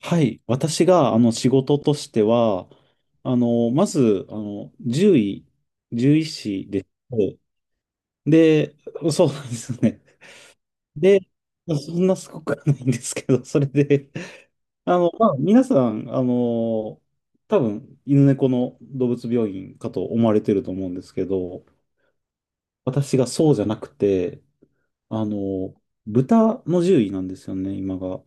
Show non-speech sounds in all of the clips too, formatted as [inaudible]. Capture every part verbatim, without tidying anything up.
はい。私が、あの、仕事としては、あの、まず、あの、獣医、獣医師で、で、そうなんですよね。で、そんなすごくはないんですけど、それで、あの、まあ、皆さん、あの、多分、犬猫の動物病院かと思われてると思うんですけど、私がそうじゃなくて、あの、豚の獣医なんですよね、今が。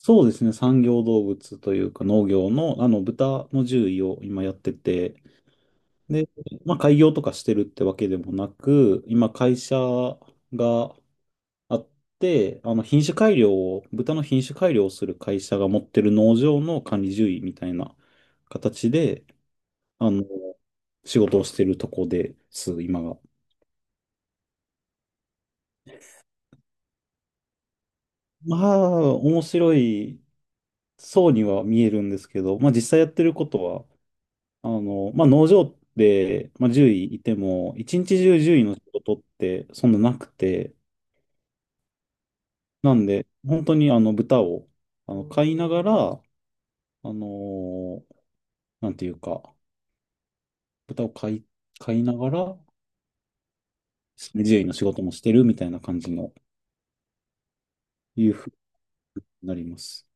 そうですね。産業動物というか農業の、あの、豚の獣医を今やってて、で、まあ、開業とかしてるってわけでもなく、今、会社があって、あの、品種改良を、豚の品種改良をする会社が持ってる農場の管理獣医みたいな形で、あの、仕事をしてるとこです、今が。まあ、面白いそうには見えるんですけど、まあ、実際やってることは、あの、まあ、農場でまあ、獣医いいても、一日中獣医の仕事ってそんななくて、なんで、本当にあの豚をあの飼いながら、あのーなんていうか、豚を飼い、飼いながら、獣医の仕事もしてるみたいな感じの、いうふうになります。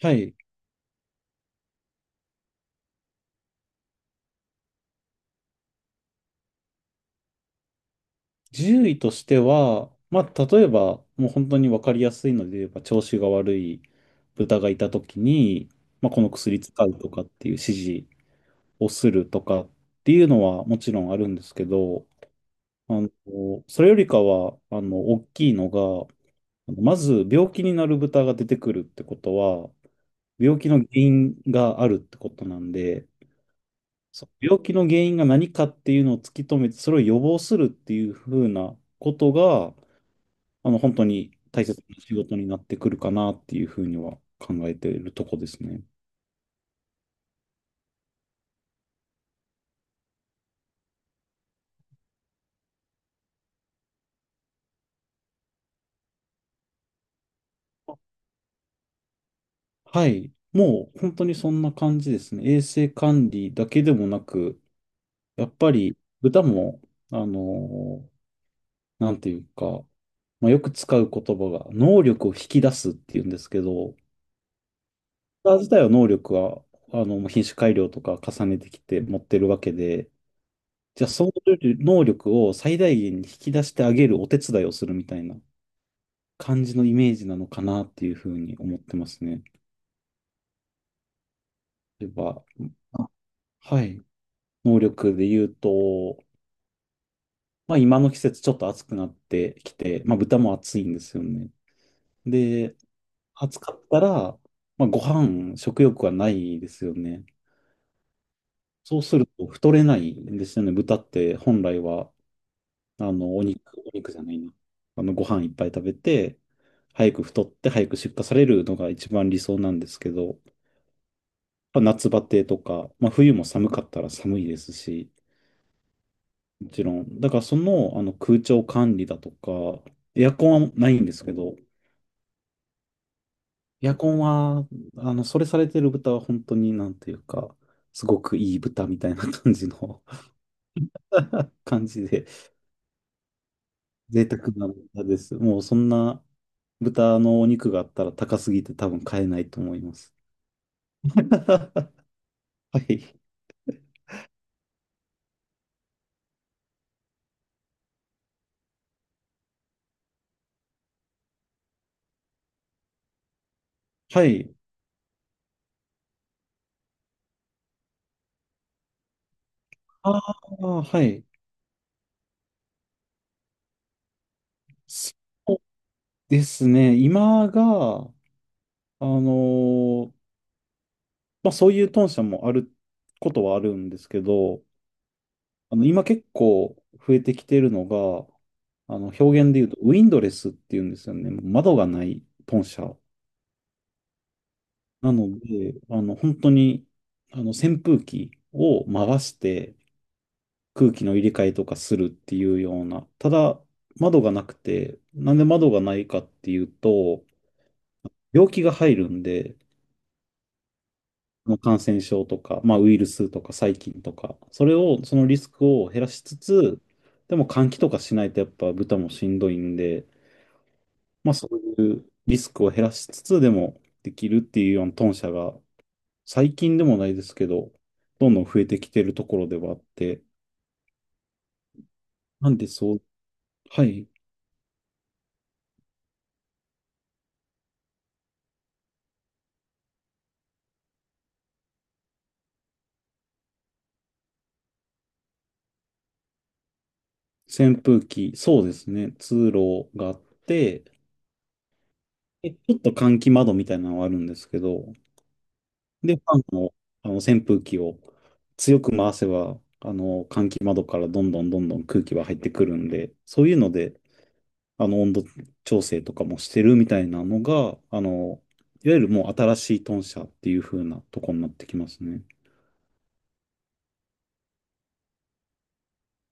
はい。獣医としては、まあ、例えば、もう本当に分かりやすいので言えば、調子が悪い豚がいたときに、まあ、この薬使うとかっていう指示、をするとかっていうのはもちろんあるんですけど、あの、それよりかは、あの、大きいのが、あのまず病気になる豚が出てくるってことは、病気の原因があるってことなんで、その病気の原因が何かっていうのを突き止めて、それを予防するっていうふうなことが、あの、本当に大切な仕事になってくるかなっていうふうには考えているとこですね。はい。もう本当にそんな感じですね。衛生管理だけでもなく、やっぱり豚も、あのーなんていうか、まあ、よく使う言葉が、能力を引き出すっていうんですけど、豚自体は能力は、あの、品種改良とか重ねてきて持ってるわけで、じゃあその能力を最大限に引き出してあげるお手伝いをするみたいな感じのイメージなのかなっていうふうに思ってますね。例えば、あはい、能力で言うと、まあ今の季節ちょっと暑くなってきて、まあ豚も暑いんですよね。で、暑かったら、まあ、ご飯、食欲はないですよね。そうすると太れないんですよね。豚って本来は、あの、お肉、お肉じゃないな。あの、ご飯いっぱい食べて、早く太って早く出荷されるのが一番理想なんですけど、まあ夏バテとか、まあ、冬も寒かったら寒いですし、もちろん。だからその、あの空調管理だとか、エアコンはないんですけど、エアコンは、あの、それされてる豚は本当になんていうか、すごくいい豚みたいな感じの [laughs] 感じで、[laughs] 贅沢な豚です。もうそんな豚のお肉があったら高すぎて多分買えないと思います。[laughs] はい。はい。ああ、はい。すですね。今が、あのーまあそういう豚舎もあることはあるんですけど、あの、今結構増えてきてるのが、あの、表現で言うと、ウィンドレスっていうんですよね。もう窓がない豚車。なので、あの、本当に、あの、扇風機を回して空気の入れ替えとかするっていうような。ただ、窓がなくて、なんで窓がないかっていうと、病気が入るんで、あの感染症とか、まあ、ウイルスとか細菌とか、それを、そのリスクを減らしつつ、でも換気とかしないとやっぱ豚もしんどいんで、まあそういうリスクを減らしつつでもできるっていうようなトン社が最近でもないですけど、どんどん増えてきてるところではあって、なんでそう、はい、扇風機、そうですね、通路があって、でちょっと換気窓みたいなのはあるんですけど、で、ファンの、あの扇風機を強く回せば、あの換気窓からどんどんどんどん空気は入ってくるんで、そういうのであの、温度調整とかもしてるみたいなのが、あの、いわゆるもう新しい豚舎っていう風なとこになってきますね。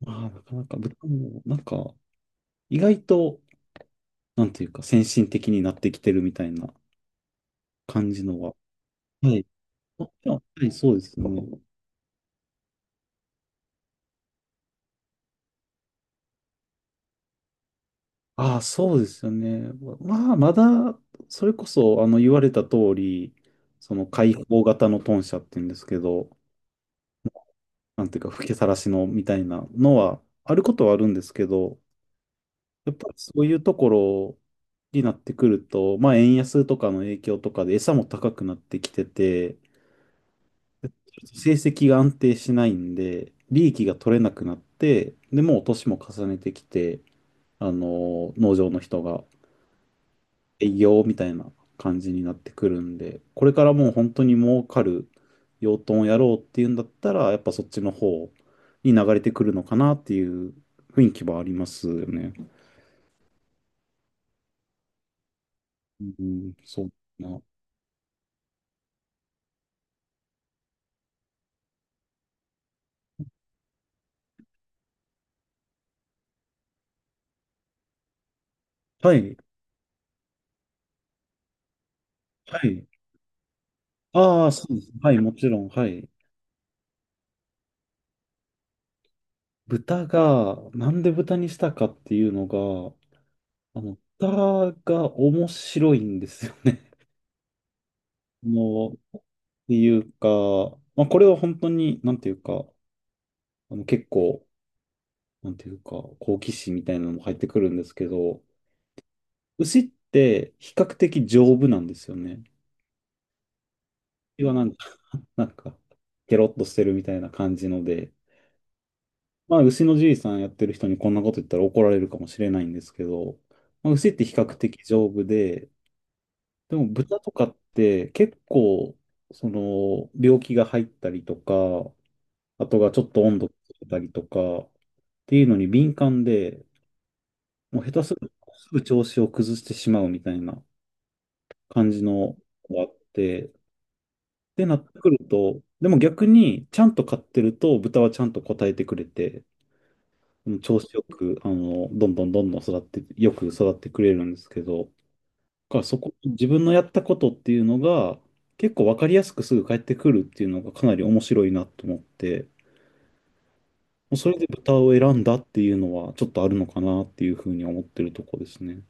まあ、なかなか豚も、なんか、意外と、なんていうか、先進的になってきてるみたいな感じのは。はい。あはい、そうですね。ああ、そうですよね。まあ、まだ、それこそ、あの、言われた通り、その開放型の豚舎っていうんですけど、なんていうか、吹きさらしのみたいなのは、あることはあるんですけど、やっぱりそういうところになってくると、まあ円安とかの影響とかで餌も高くなってきてて、ちょっと成績が安定しないんで、利益が取れなくなって、で、もう年も重ねてきて、あの、農場の人が営業みたいな感じになってくるんで、これからもう本当に儲かる養豚をやろうっていうんだったら、やっぱそっちの方に流れてくるのかなっていう雰囲気はありますよね。うん、そうだな。はい。はい。ああ、そうです。はい、もちろん。はい。豚が、なんで豚にしたかっていうのが、あの、豚が面白いんですよね。[laughs] あの、っていうか、まあ、これは本当に、なんていうか、あの結構、なんていうか、好奇心みたいなのも入ってくるんですけど、牛って比較的丈夫なんですよね。牛はなんか、なんか、ケロッとしてるみたいな感じので、まあ、牛のじいさんやってる人にこんなこと言ったら怒られるかもしれないんですけど、まあ、牛って比較的丈夫で、でも豚とかって結構、その、病気が入ったりとか、あとがちょっと温度がついたりとか、っていうのに敏感で、もう下手するとすぐ調子を崩してしまうみたいな感じのがあって、ってなってくると、でも逆にちゃんと飼ってると豚はちゃんと答えてくれて、うん調子よく、あの、どんどんどんどん育って、よく育ってくれるんですけど、だからそこ、自分のやったことっていうのが、結構わかりやすくすぐ返ってくるっていうのがかなり面白いなと思って、もうそれで豚を選んだっていうのはちょっとあるのかなっていうふうに思ってるとこですね。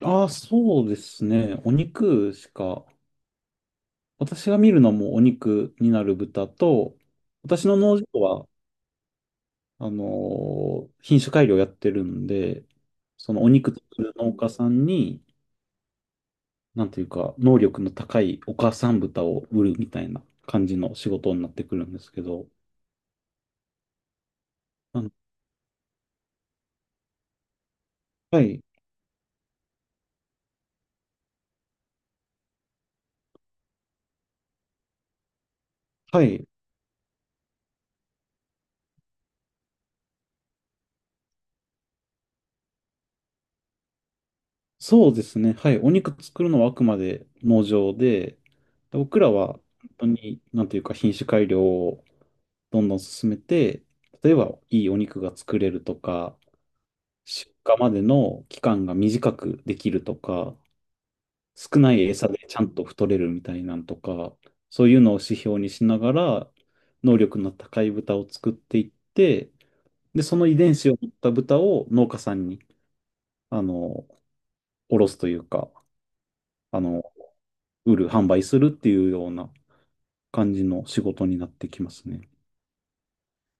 ああ、そうですね。お肉しか、私が見るのもお肉になる豚と、私の農場はあの、品種改良やってるんで、そのお肉作る農家さんに、なんていうか、能力の高いお母さん豚を売るみたいな感じの仕事になってくるんですけど、あのはい、はい、そうですね、はい、お肉作るのはあくまで農場で、僕らは本当に、なんていうか、品種改良をどんどん進めて、例えばいいお肉が作れるとか、出荷までの期間が短くできるとか、少ない餌でちゃんと太れるみたいなんとか、そういうのを指標にしながら、能力の高い豚を作っていって、で、その遺伝子を持った豚を農家さんに、あの、卸すというか、あの、売る、販売するっていうような感じの仕事になってきますね。